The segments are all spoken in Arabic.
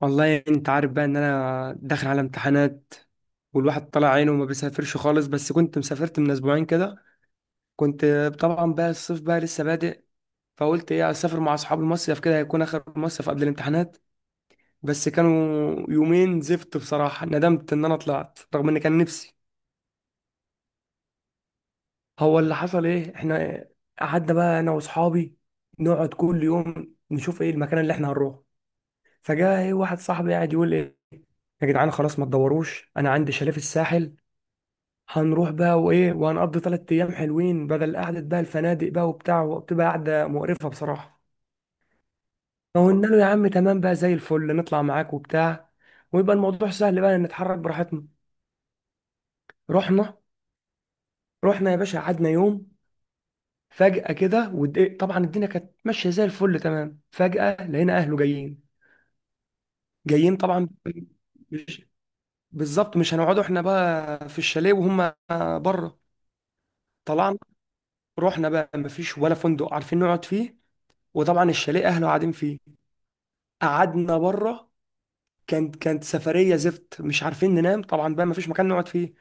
والله انت عارف بقى ان انا داخل على امتحانات، والواحد طلع عينه وما بيسافرش خالص، بس كنت مسافرت من اسبوعين كده. كنت طبعا بقى الصيف بقى لسه بادئ، فقلت ايه اسافر مع اصحاب المصيف كده، هيكون اخر مصيف قبل الامتحانات. بس كانوا يومين زفت بصراحة، ندمت ان انا طلعت رغم ان كان نفسي. هو اللي حصل ايه؟ احنا قعدنا بقى انا واصحابي نقعد كل يوم نشوف ايه المكان اللي احنا هنروحه. فجاء ايه واحد صاحبي قاعد يقول ايه: يا جدعان خلاص ما تدوروش، انا عندي شاليه في الساحل، هنروح بقى وايه وهنقضي 3 ايام حلوين، بدل قعده بقى الفنادق بقى وبتاع، وبتبقى قعده مقرفه بصراحه. فقلنا له يا عم تمام بقى زي الفل نطلع معاك وبتاع، ويبقى الموضوع سهل بقى نتحرك براحتنا. رحنا رحنا يا باشا، قعدنا يوم، فجأة كده ودق، طبعا الدنيا كانت ماشية زي الفل تمام، فجأة لقينا أهله جايين. جايين طبعا، مش بالظبط مش هنقعدوا احنا بقى في الشاليه وهم بره. طلعنا، رحنا بقى مفيش ولا فندق عارفين نقعد فيه، وطبعا الشاليه أهله قاعدين فيه، قعدنا بره. كانت سفريه زفت، مش عارفين ننام طبعا بقى ما فيش مكان نقعد فيه.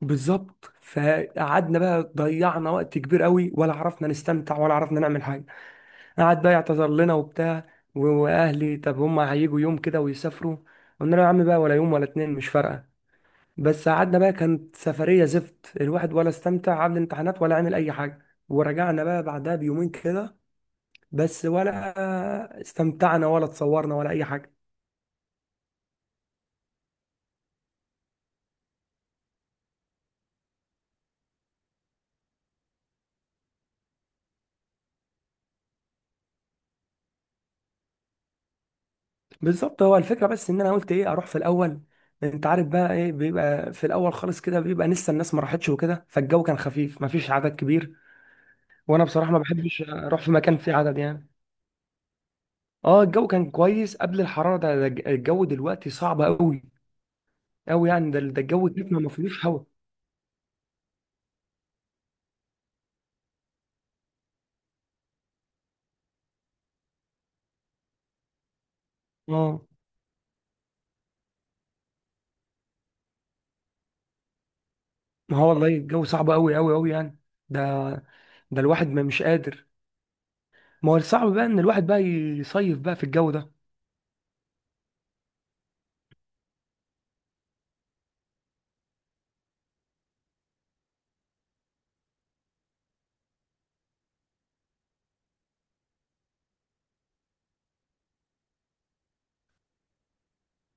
بالظبط، فقعدنا بقى ضيعنا وقت كبير قوي، ولا عرفنا نستمتع ولا عرفنا نعمل حاجه، قعد بقى يعتذر لنا وبتاع. واهلي، طب هم هيجوا يوم كده ويسافروا؟ قلنا له يا عم بقى، ولا يوم ولا اتنين مش فارقه. بس قعدنا بقى كانت سفريه زفت، الواحد ولا استمتع، عامل امتحانات ولا عامل اي حاجه، ورجعنا بقى بعدها بيومين كده، بس ولا استمتعنا ولا اتصورنا ولا اي حاجه. بالظبط، هو الفكره بس ان انا قلت ايه اروح في الاول، انت عارف بقى ايه بيبقى في الاول خالص كده، بيبقى لسه الناس ما راحتش وكده، فالجو كان خفيف ما فيش عدد كبير. وانا بصراحه ما بحبش اروح في مكان فيه عدد يعني. اه، الجو كان كويس قبل الحراره ده. الجو دلوقتي صعب قوي قوي يعني، ده الجو كده ما فيهوش هوا. اه ما هو والله الجو صعب قوي قوي قوي يعني، ده ده الواحد ما مش قادر. ما هو الصعب بقى ان الواحد بقى يصيف بقى في الجو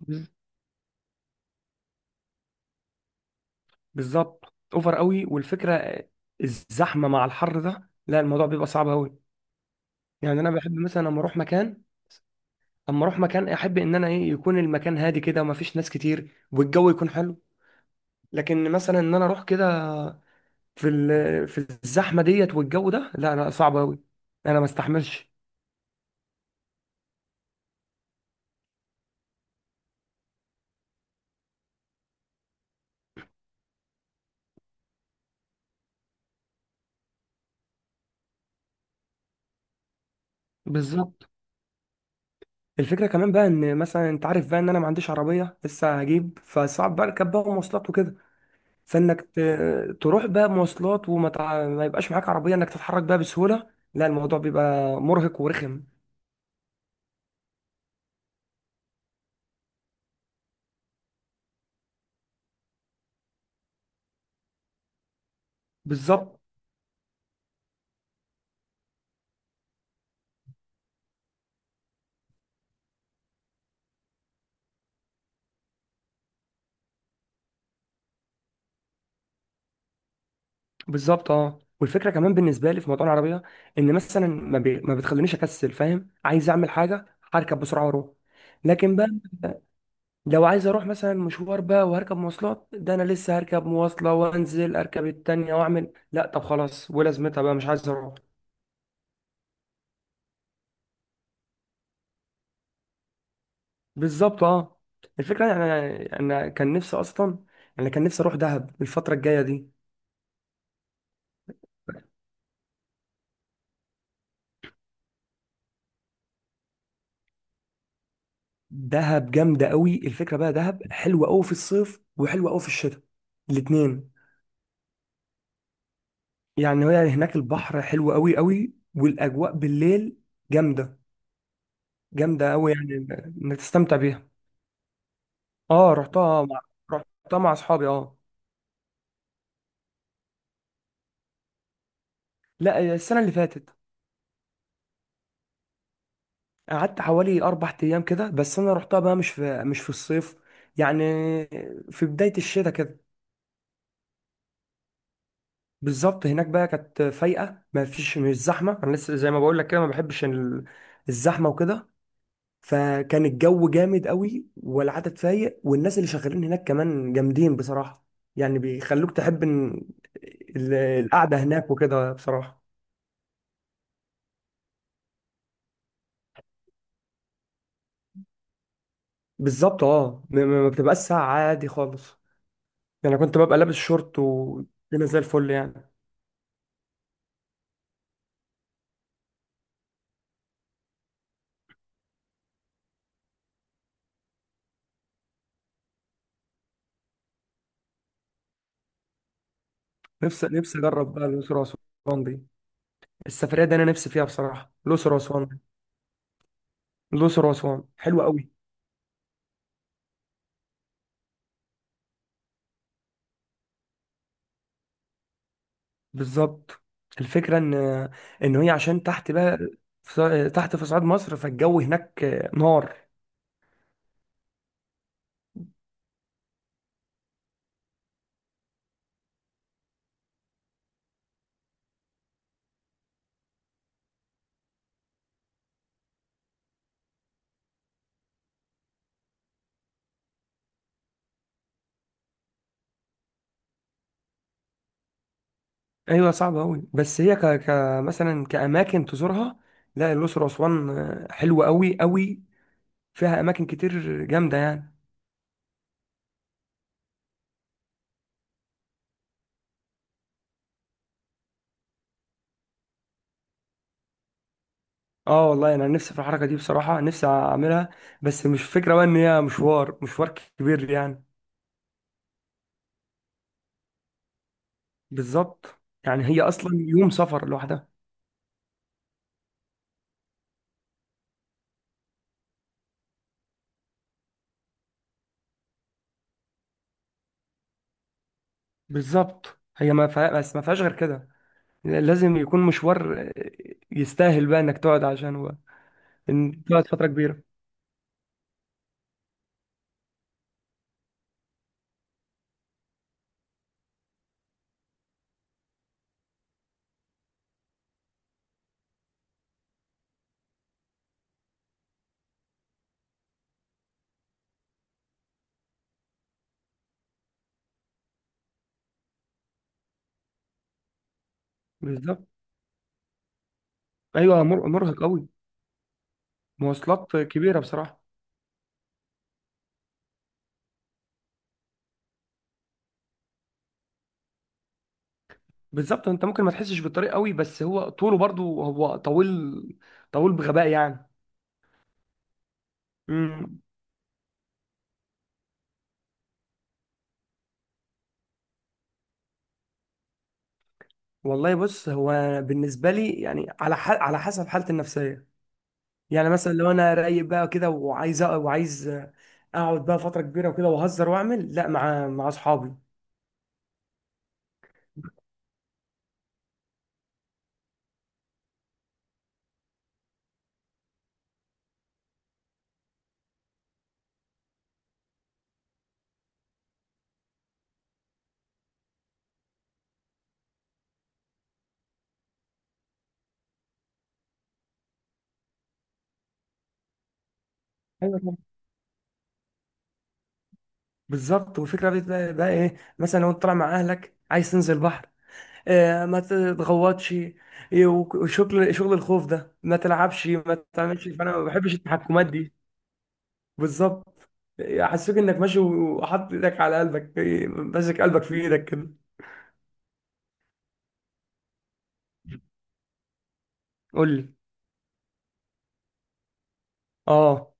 ده. بالظبط، اوفر قوي، والفكره الزحمه مع الحر ده، لا الموضوع بيبقى صعب قوي يعني. انا بحب مثلا لما اروح مكان، اما اروح مكان احب ان انا ايه يكون المكان هادي كده وما فيش ناس كتير والجو يكون حلو. لكن مثلا ان انا اروح كده في الزحمه ديت والجو ده، لا لا صعب قوي، انا ما استحملش. بالظبط، الفكره كمان بقى، ان مثلا انت عارف بقى ان انا ما عنديش عربيه لسه هجيب، فصعب بركب بقى مواصلات وكده. فانك تروح بقى مواصلات وما تع... ما يبقاش معاك عربيه انك تتحرك بقى بسهوله، لا الموضوع بيبقى مرهق ورخم. بالظبط بالظبط اه، والفكره كمان بالنسبه لي في موضوع العربيه، ان مثلا ما بتخلينيش اكسل، فاهم، عايز اعمل حاجه، هركب بسرعه واروح. لكن بقى لو عايز اروح مثلا مشوار بقى، وهركب مواصلات ده انا لسه هركب مواصله وانزل اركب التانية واعمل، لا طب خلاص ولازمتها بقى مش عايز اروح. بالظبط اه، الفكره يعني انا كان نفسي اصلا، انا كان نفسي اروح دهب الفتره الجايه دي. دهب جامده قوي، الفكره بقى دهب حلوه قوي في الصيف وحلوه قوي في الشتاء، الاتنين. يعني هي هناك البحر حلو قوي قوي والاجواء بالليل جامده، جامده قوي يعني، انك تستمتع بيها. اه، رحتها مع اصحابي اه. لا، السنه اللي فاتت. قعدت حوالي 4 ايام كده، بس انا رحتها بقى مش في الصيف يعني، في بدايه الشتاء كده. بالظبط، هناك بقى كانت فايقه ما فيش، مش زحمه، انا لسه زي ما بقول لك كده ما بحبش الزحمه وكده. فكان الجو جامد قوي والعدد فايق، والناس اللي شغالين هناك كمان جامدين بصراحه، يعني بيخلوك تحب إن القعده هناك وكده بصراحه. بالظبط اه، ما بتبقاش ساعه عادي خالص، يعني أنا كنت ببقى لابس شورت والدنيا زي الفل يعني. نفسي اجرب بقى الاقصر واسوان دي، السفريه دي انا نفسي فيها بصراحه، الاقصر واسوان، الاقصر واسوان حلوه قوي. بالظبط، الفكرة ان هي عشان تحت بقى، تحت في صعيد مصر، فالجو هناك نار. ايوه صعب قوي، بس هي ك... ك مثلا كاماكن تزورها، لا الاقصر واسوان حلوه قوي قوي، فيها اماكن كتير جامده يعني. اه والله انا نفسي في الحركه دي بصراحه، نفسي اعملها، بس مش فكره بقى ان هي مشوار كبير يعني. بالظبط، يعني هي اصلا يوم سفر لوحدها. بالظبط، هي ما فيها، بس ما فيهاش غير كده، لازم يكون مشوار يستاهل بقى انك تقعد عشانه بقى، ان تقعد فتره كبيره. بالظبط ايوه، مرهق قوي، مواصلات كبيره بصراحه. بالظبط، انت ممكن ما تحسش بالطريق قوي، بس هو طوله برضو هو طويل، طويل بغباء يعني. امم والله بص، هو بالنسبه لي يعني على على حسب حالتي النفسيه، يعني مثلا لو انا رايق بقى كده وعايز وعايز اقعد بقى فتره كبيره وكده واهزر واعمل، لا مع اصحابي. ايوه بالظبط، والفكره بتبقى بقى ايه مثلا، لو انت طالع مع اهلك عايز تنزل بحر، آه ما تتغوطش، إيه، وشغل شغل الخوف ده، ما تلعبش ما تعملش، فانا ما بحبش التحكمات دي. بالظبط، حسيت انك ماشي وحاطط ايدك على قلبك، إيه، ماسك قلبك في ايدك كده. قول لي. اه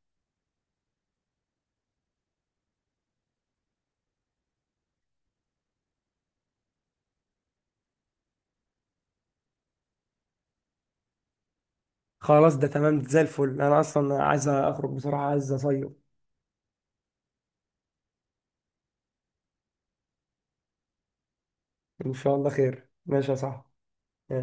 خلاص ده تمام زي الفل، انا اصلا عايز اخرج بصراحه، عايز اصيف. ان شاء الله خير، ماشي يا صاحبي. ماشي.